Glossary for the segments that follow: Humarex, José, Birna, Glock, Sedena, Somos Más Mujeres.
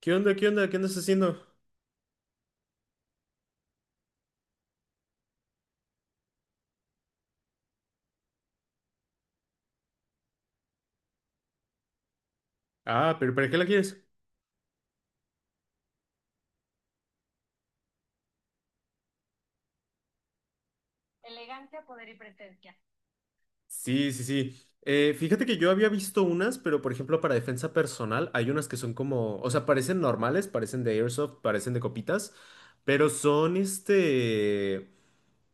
¿Qué onda? ¿Qué onda? ¿Qué andas haciendo? Ah, pero ¿para qué la quieres? Sí, sí, sí. Fíjate que yo había visto unas, pero por ejemplo para defensa personal hay unas que son como, o sea, parecen normales, parecen de airsoft, parecen de copitas, pero son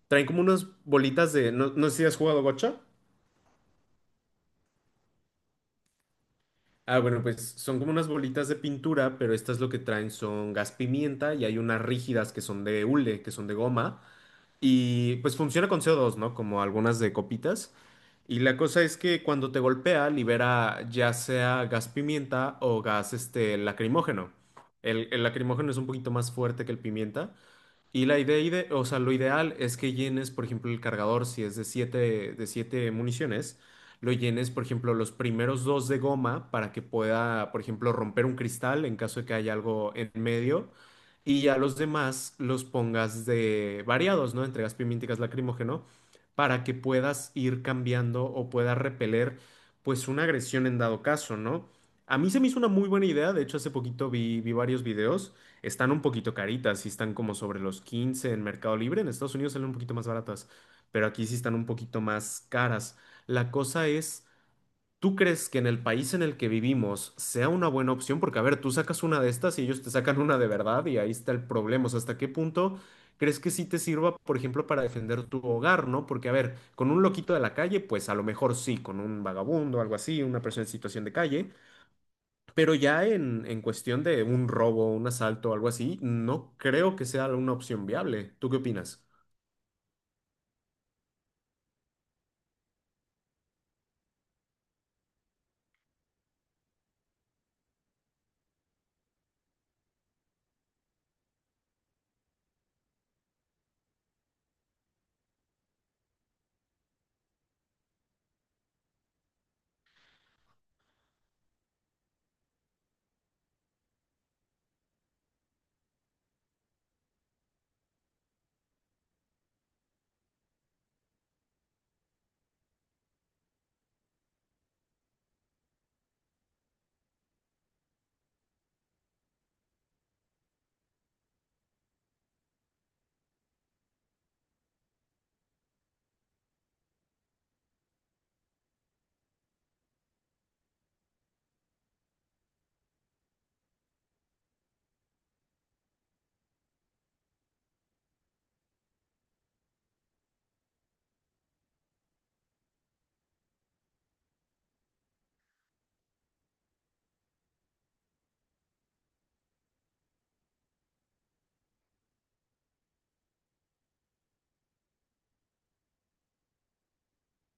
traen como unas bolitas de, no, no sé si has jugado gocha. Ah, bueno, pues son como unas bolitas de pintura, pero estas lo que traen son gas pimienta y hay unas rígidas que son de hule, que son de goma. Y pues funciona con CO2, ¿no? Como algunas de copitas. Y la cosa es que cuando te golpea, libera ya sea gas pimienta o gas lacrimógeno. El lacrimógeno es un poquito más fuerte que el pimienta. Y la idea, o sea, lo ideal es que llenes, por ejemplo, el cargador, si es de siete municiones, lo llenes, por ejemplo, los primeros dos de goma para que pueda, por ejemplo, romper un cristal en caso de que haya algo en medio. Y ya los demás los pongas de variados, ¿no? Entre gas pimienta y gas lacrimógeno, para que puedas ir cambiando o puedas repeler, pues, una agresión en dado caso, ¿no? A mí se me hizo una muy buena idea. De hecho, hace poquito vi varios videos. Están un poquito caritas, sí están como sobre los 15 en Mercado Libre. En Estados Unidos salen un poquito más baratas, pero aquí sí están un poquito más caras. La cosa es, ¿tú crees que en el país en el que vivimos sea una buena opción? Porque, a ver, tú sacas una de estas y ellos te sacan una de verdad y ahí está el problema. O sea, ¿hasta qué punto crees que sí te sirva, por ejemplo, para defender tu hogar, ¿no? Porque, a ver, con un loquito de la calle, pues a lo mejor sí, con un vagabundo, algo así, una persona en situación de calle. Pero ya en cuestión de un robo, un asalto o algo así, no creo que sea una opción viable. ¿Tú qué opinas?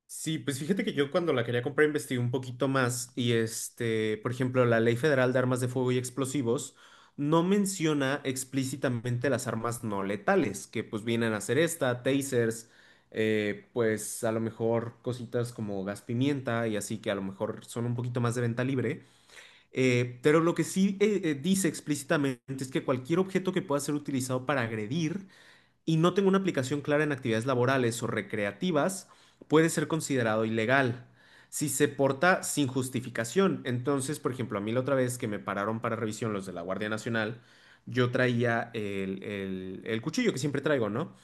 Sí, pues fíjate que yo cuando la quería comprar investigué un poquito más y este, por ejemplo, la Ley Federal de Armas de Fuego y Explosivos no menciona explícitamente las armas no letales, que pues vienen a ser esta, tasers, pues a lo mejor cositas como gas pimienta y así que a lo mejor son un poquito más de venta libre. Pero lo que sí dice explícitamente es que cualquier objeto que pueda ser utilizado para agredir y no tenga una aplicación clara en actividades laborales o recreativas puede ser considerado ilegal si se porta sin justificación. Entonces, por ejemplo, a mí la otra vez que me pararon para revisión los de la Guardia Nacional, yo traía el cuchillo que siempre traigo, ¿no?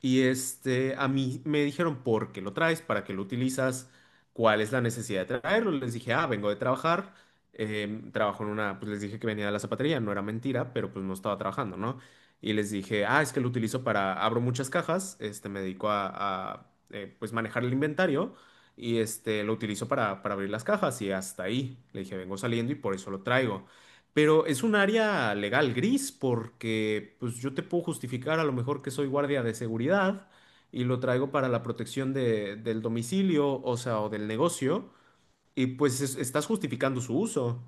Y este, a mí me dijeron, ¿por qué lo traes? ¿Para qué lo utilizas? ¿Cuál es la necesidad de traerlo? Les dije, ah, vengo de trabajar. Trabajo en una, pues les dije que venía de la zapatería, no era mentira, pero pues no estaba trabajando, ¿no? Y les dije, ah, es que lo utilizo para, abro muchas cajas, este, me dedico pues manejar el inventario y este, lo utilizo para abrir las cajas y hasta ahí. Le dije, vengo saliendo y por eso lo traigo. Pero es un área legal gris porque pues yo te puedo justificar a lo mejor que soy guardia de seguridad y lo traigo para la protección del domicilio, o sea, o del negocio, y pues estás justificando su uso.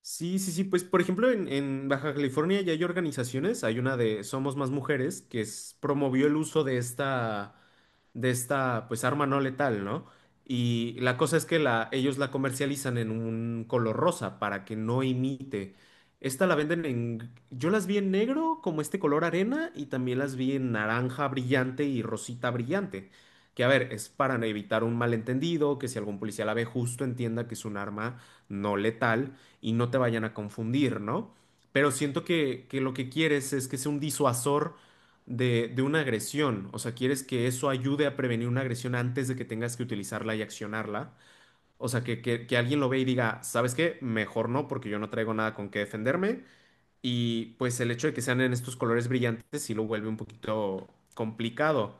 Sí, sí, sí, pues por ejemplo en Baja California ya hay organizaciones, hay una de Somos Más Mujeres que promovió el uso de esta pues arma no letal, ¿no? Y la cosa es que la, ellos la comercializan en un color rosa para que no imite. Esta la venden en, yo las vi en negro como este color arena y también las vi en naranja brillante y rosita brillante. Que a ver, es para evitar un malentendido, que si algún policía la ve justo entienda que es un arma no letal y no te vayan a confundir, ¿no? Pero siento que lo que quieres es que sea un disuasor de una agresión, o sea, quieres que eso ayude a prevenir una agresión antes de que tengas que utilizarla y accionarla. O sea, que alguien lo ve y diga, ¿sabes qué? Mejor no, porque yo no traigo nada con qué defenderme. Y pues el hecho de que sean en estos colores brillantes sí lo vuelve un poquito complicado.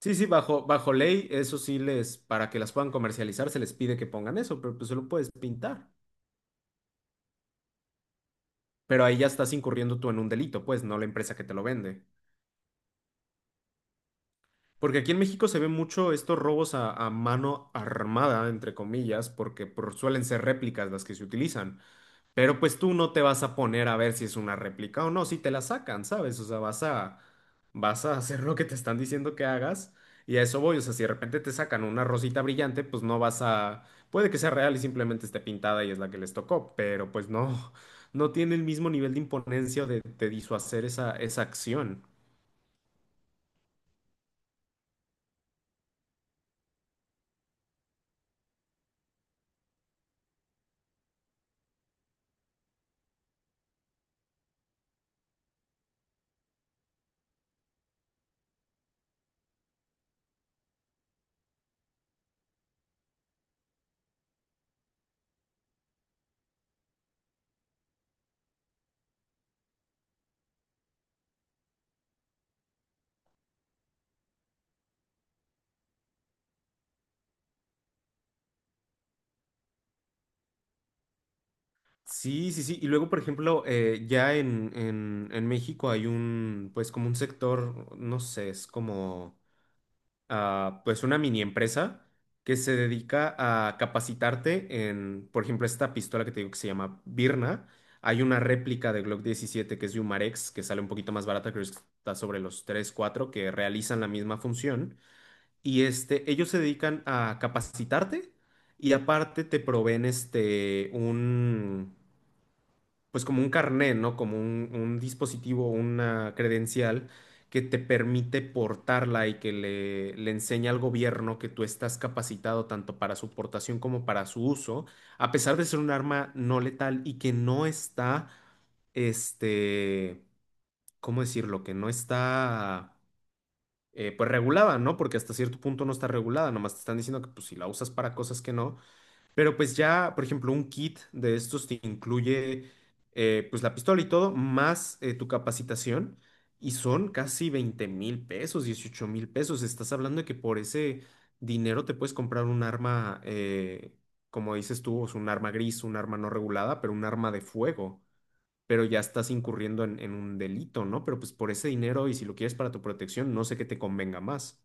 Sí, sí, bajo ley, eso sí les, para que las puedan comercializar, se les pide que pongan eso, pero pues se lo puedes pintar. Pero ahí ya estás incurriendo tú en un delito, pues, no la empresa que te lo vende. Porque aquí en México se ven mucho estos robos a mano armada, entre comillas, porque suelen ser réplicas las que se utilizan. Pero pues tú no te vas a poner a ver si es una réplica o no, si te la sacan, ¿sabes? O sea, vas a hacer lo que te están diciendo que hagas y a eso voy. O sea, si de repente te sacan una rosita brillante, pues no vas a... Puede que sea real y simplemente esté pintada y es la que les tocó, pero pues no, no tiene el mismo nivel de imponencia o de disuasor esa, esa acción. Sí, sí, sí. Y luego, por ejemplo, ya en, en México hay un, pues como un sector, no sé, es como... ah, pues una mini empresa que se dedica a capacitarte en, por ejemplo, esta pistola que te digo que se llama Birna. Hay una réplica de Glock 17 que es de Humarex, que sale un poquito más barata, creo que está sobre los 3 4 que realizan la misma función. Y este, ellos se dedican a capacitarte y aparte te proveen este, un pues como un carnet, ¿no? Como un dispositivo, una credencial que te permite portarla y que le enseña al gobierno que tú estás capacitado tanto para su portación como para su uso, a pesar de ser un arma no letal y que no está, este, ¿cómo decirlo? Que no está, pues regulada, ¿no? Porque hasta cierto punto no está regulada, nomás te están diciendo que pues si la usas para cosas que no pero pues ya, por ejemplo, un kit de estos te incluye pues la pistola y todo, más tu capacitación, y son casi 20,000 pesos, 18,000 pesos. Estás hablando de que por ese dinero te puedes comprar un arma, como dices tú, es un arma gris, un arma no regulada, pero un arma de fuego. Pero ya estás incurriendo en un delito, ¿no? Pero pues por ese dinero y si lo quieres para tu protección, no sé qué te convenga más.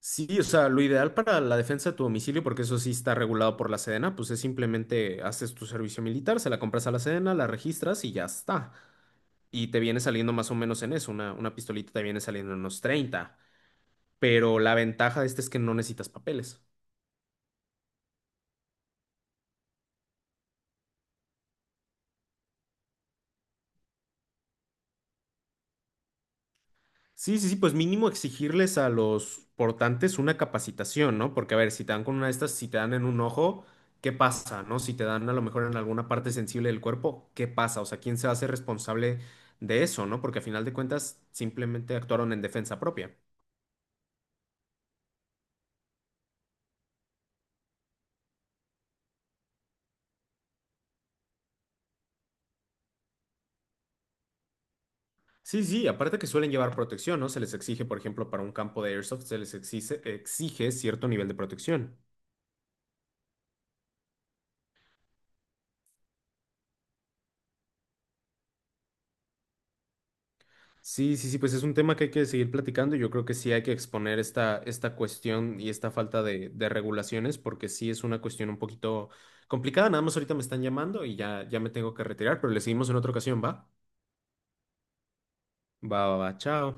Sí, o sea, lo ideal para la defensa de tu domicilio, porque eso sí está regulado por la Sedena, pues es simplemente haces tu servicio militar, se la compras a la Sedena, la registras y ya está. Y te viene saliendo más o menos en eso, una pistolita te viene saliendo en unos 30. Pero la ventaja de este es que no necesitas papeles. Sí, sí, sí, pues mínimo exigirles a los portantes una capacitación, ¿no? Porque a ver, si te dan con una de estas, si te dan en un ojo, ¿qué pasa, no? Si te dan a lo mejor en alguna parte sensible del cuerpo, ¿qué pasa? O sea, ¿quién se hace responsable de eso, no? Porque a final de cuentas simplemente actuaron en defensa propia. Sí, sí, aparte que suelen llevar protección, ¿no? Se les exige, por ejemplo, para un campo de airsoft, se les exige, exige cierto nivel de protección. Sí, sí, sí, pues es un tema que hay que seguir platicando y yo creo que sí hay que exponer esta, esta cuestión y esta falta de regulaciones porque sí es una cuestión un poquito complicada. Nada más ahorita me están llamando y ya, ya me tengo que retirar, pero le seguimos en otra ocasión, ¿va? Va, va, va, chao.